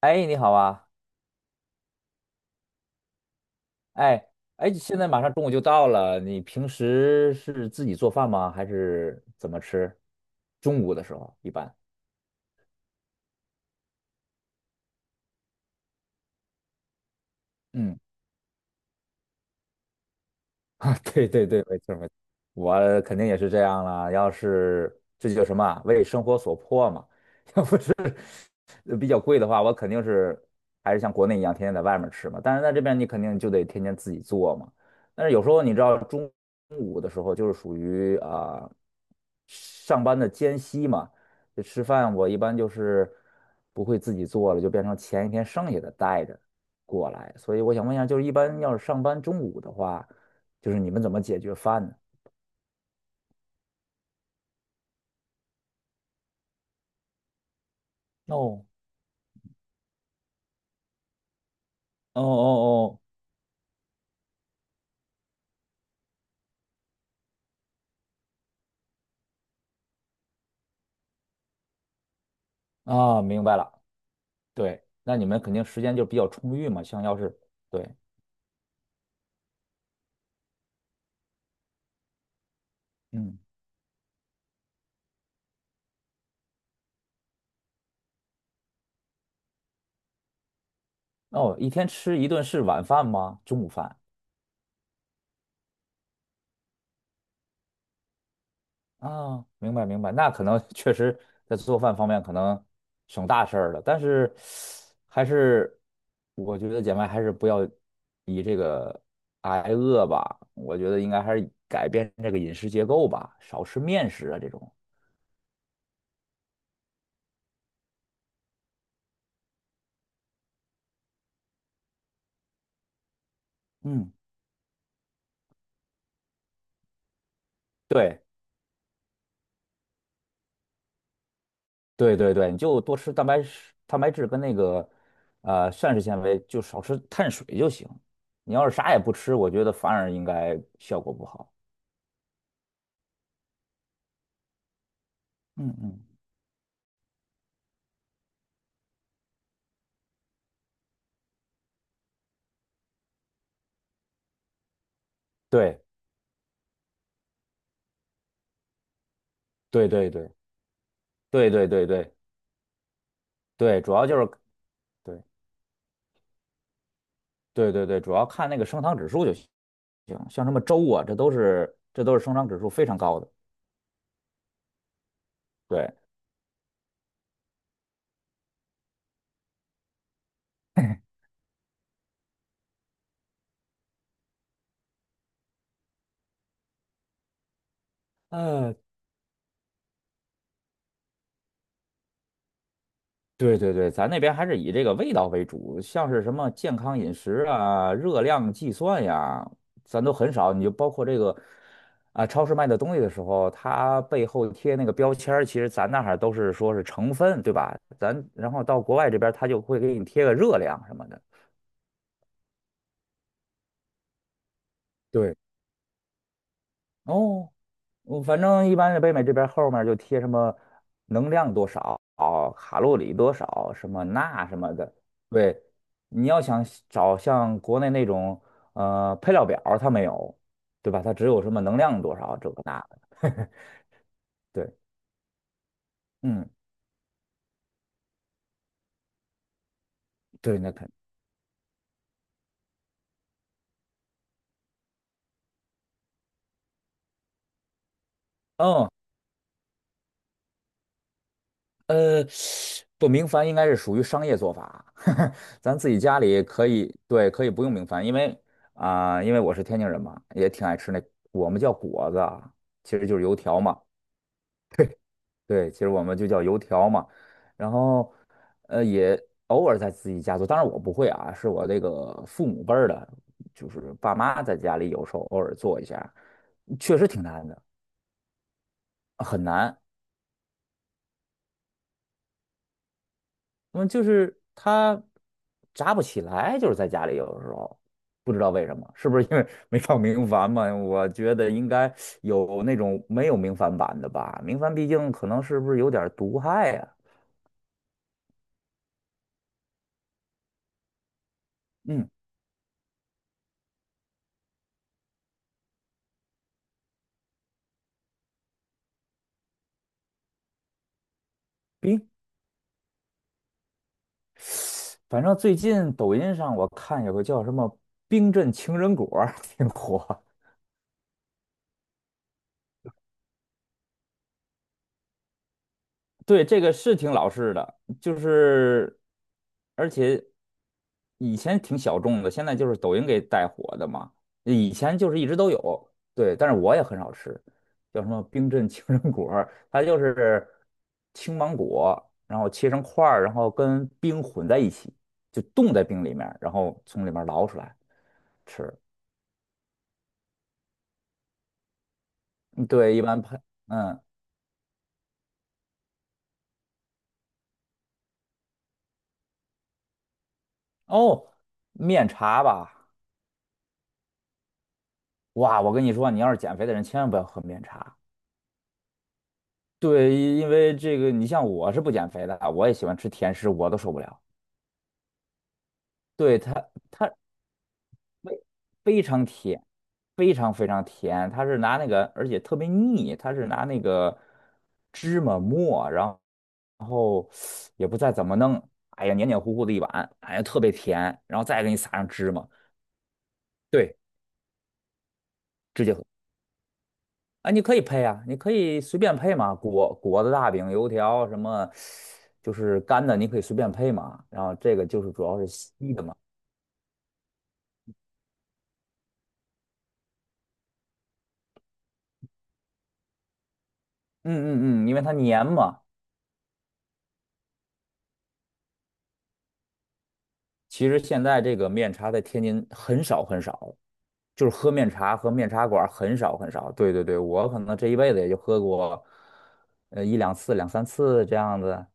哎，你好啊！哎哎，现在马上中午就到了，你平时是自己做饭吗？还是怎么吃？中午的时候一般。嗯，啊，对对对，没错没错，我肯定也是这样了。要是这就叫什么啊为生活所迫嘛。比较贵的话，我肯定是还是像国内一样天天在外面吃嘛。但是在这边你肯定就得天天自己做嘛。但是有时候你知道中午的时候就是属于啊、上班的间隙嘛，就吃饭我一般就是不会自己做了，就变成前一天剩下的带着过来。所以我想问一下，就是一般要是上班中午的话，就是你们怎么解决饭呢？哦哦哦哦啊，明白了。对，那你们肯定时间就比较充裕嘛，像要是。对。嗯，哦，一天吃一顿是晚饭吗？中午饭啊，明白明白，那可能确实在做饭方面可能省大事儿了，但是还是我觉得姐妹还是不要以这个挨饿吧，我觉得应该还是改变这个饮食结构吧，少吃面食啊这种。嗯，对。对对对，你就多吃蛋白质跟那个膳食纤维，就少吃碳水就行。你要是啥也不吃，我觉得反而应该效果不好。嗯嗯，对对对对对对对对对，主要就是对对对对，主要看那个升糖指数就行。像什么粥啊，这都是升糖指数非常高的。对，哎，对对对，咱那边还是以这个味道为主，像是什么健康饮食啊、热量计算呀，咱都很少。你就包括这个啊，超市卖的东西的时候，它背后贴那个标签儿其实咱那儿都是说是成分，对吧？咱然后到国外这边儿，它就会给你贴个热量什么的。对，哦，我反正一般是北美这边后面就贴什么能量多少、卡路里多少、什么钠什么的。对，你要想找像国内那种配料表儿它没有，对吧？它只有什么能量多少这个那个。对，嗯，对，嗯，呃，不，明矾应该是属于商业做法，咱自己家里可以，对，可以不用明矾，因为我是天津人嘛，也挺爱吃那，我们叫果子啊其实就是油条嘛。对，其实我们就叫油条嘛，然后也偶尔在自己家做，当然我不会啊，是我这个父母辈儿的，就是爸妈在家里有时候偶尔做一下，确实挺难的，很难。嗯，就是它炸不起来，就是在家里有的时候不知道为什么，是不是因为 没放明矾嘛？我觉得应该有那种没有明矾版的吧，明矾毕竟可能是不是有点儿毒害呀、嗯，冰。反正最近抖音上我看有个叫什么"冰镇情人果儿 挺火，对，这个是挺老式的，就是而且以前挺小众的，现在就是抖音给带火的嘛。以前就是一直都有，对，但是我也很少吃，叫什么冰镇情人果儿它就是青芒果，然后切成块儿，然后跟冰混在一起，就冻在冰里面儿然后从里面儿捞出来吃。嗯对，一般配。嗯，哦，面茶吧，哇，我跟你说，你要是减肥的人，千万不要喝面茶。对，因为这个，你像我是不减肥的，我也喜欢吃甜食，我都受不了。对，它非非常甜，非常非常甜，它是拿那个，而且特别腻，它是拿那个芝麻末，然后也不再怎么弄，哎呀，黏黏糊糊的一碗，哎呀，特别甜，然后再给你撒上芝麻，对，直接喝。啊，你可以配啊，你可以随便配嘛，果子、大饼、油条什么，就是干的，你可以随便配嘛。然后这个就是主要是稀的嘛，嗯嗯嗯，因为它黏嘛。其实现在这个面茶在天津很少很少，就是喝面茶和面茶馆儿很少很少。对对对，我可能这一辈子也就喝过，一两次、两三次这样子，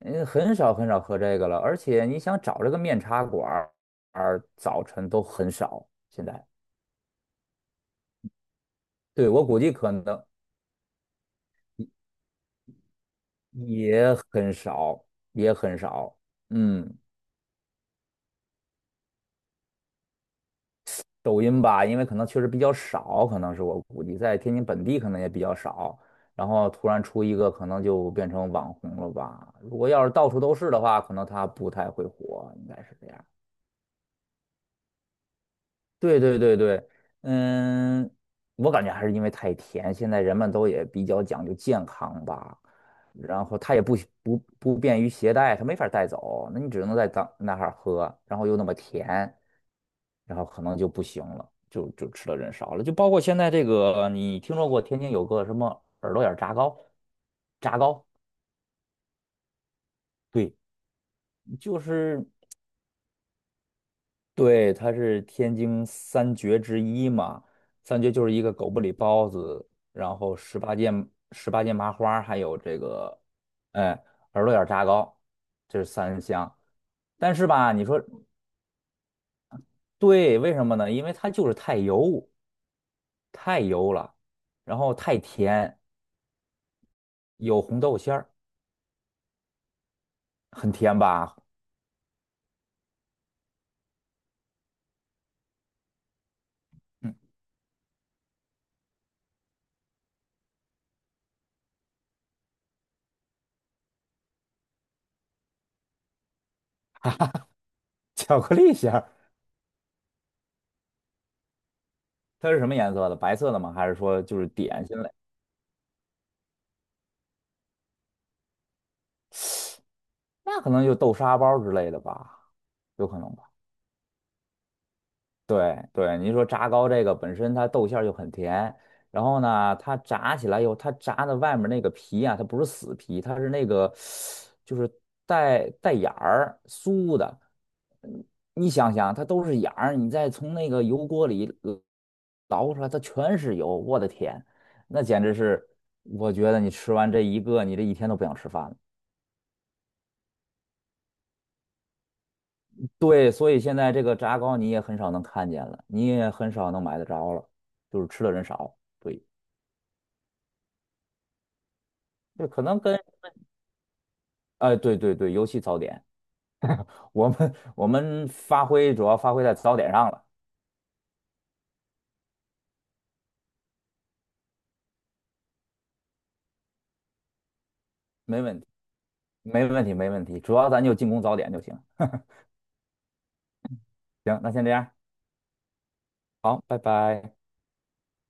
嗯，很少很少喝这个了。而且你想找这个面茶馆儿，早晨都很少现在。对，我估计可能也很少，也很少。嗯，抖音吧，因为可能确实比较少，可能是我估计在天津本地可能也比较少。然后突然出一个，可能就变成网红了吧。如果要是到处都是的话，可能他不太会火，应该是这样。对对对对，嗯，我感觉还是因为太甜，现在人们都也比较讲究健康吧，然后它也不便于携带，它没法带走，那你只能在当那哈儿喝，然后又那么甜，然后可能就不行了，就吃的人少了，就包括现在这个，你听说过天津有个什么耳朵眼儿炸糕？炸糕，对，就是。对，它是天津三绝之一嘛，三绝就是一个狗不理包子，然后十八件麻花儿还有这个，哎，耳朵眼儿炸糕，这是三香。但是吧，你说对，为什么呢？因为它就是太油，太油了，然后太甜，有红豆馅儿，很甜吧？嗯，巧克力馅儿，它是什么颜色的？白色的吗？还是说就是点心类？那可能就豆沙包之类的吧，有可能吧。对对，您说炸糕这个本身它豆馅儿就很甜，然后呢，它炸起来以后，它炸的外面那个皮啊，它不是死皮，它是那个就是带眼儿酥的。嗯你想想，它都是眼儿，你再从那个油锅里捞出来，它全是油，我的天，那简直是，我觉得你吃完这一个，你这一天都不想吃饭了。对，所以现在这个炸糕你也很少能看见了，你也很少能买得着了，就是吃的人少。对。对，可能跟哎，对对对，尤其早点，我们主要发挥在早点上了，没问题，没问题，没问题，主要咱就进攻早点就行。行，那先这样，好，拜拜。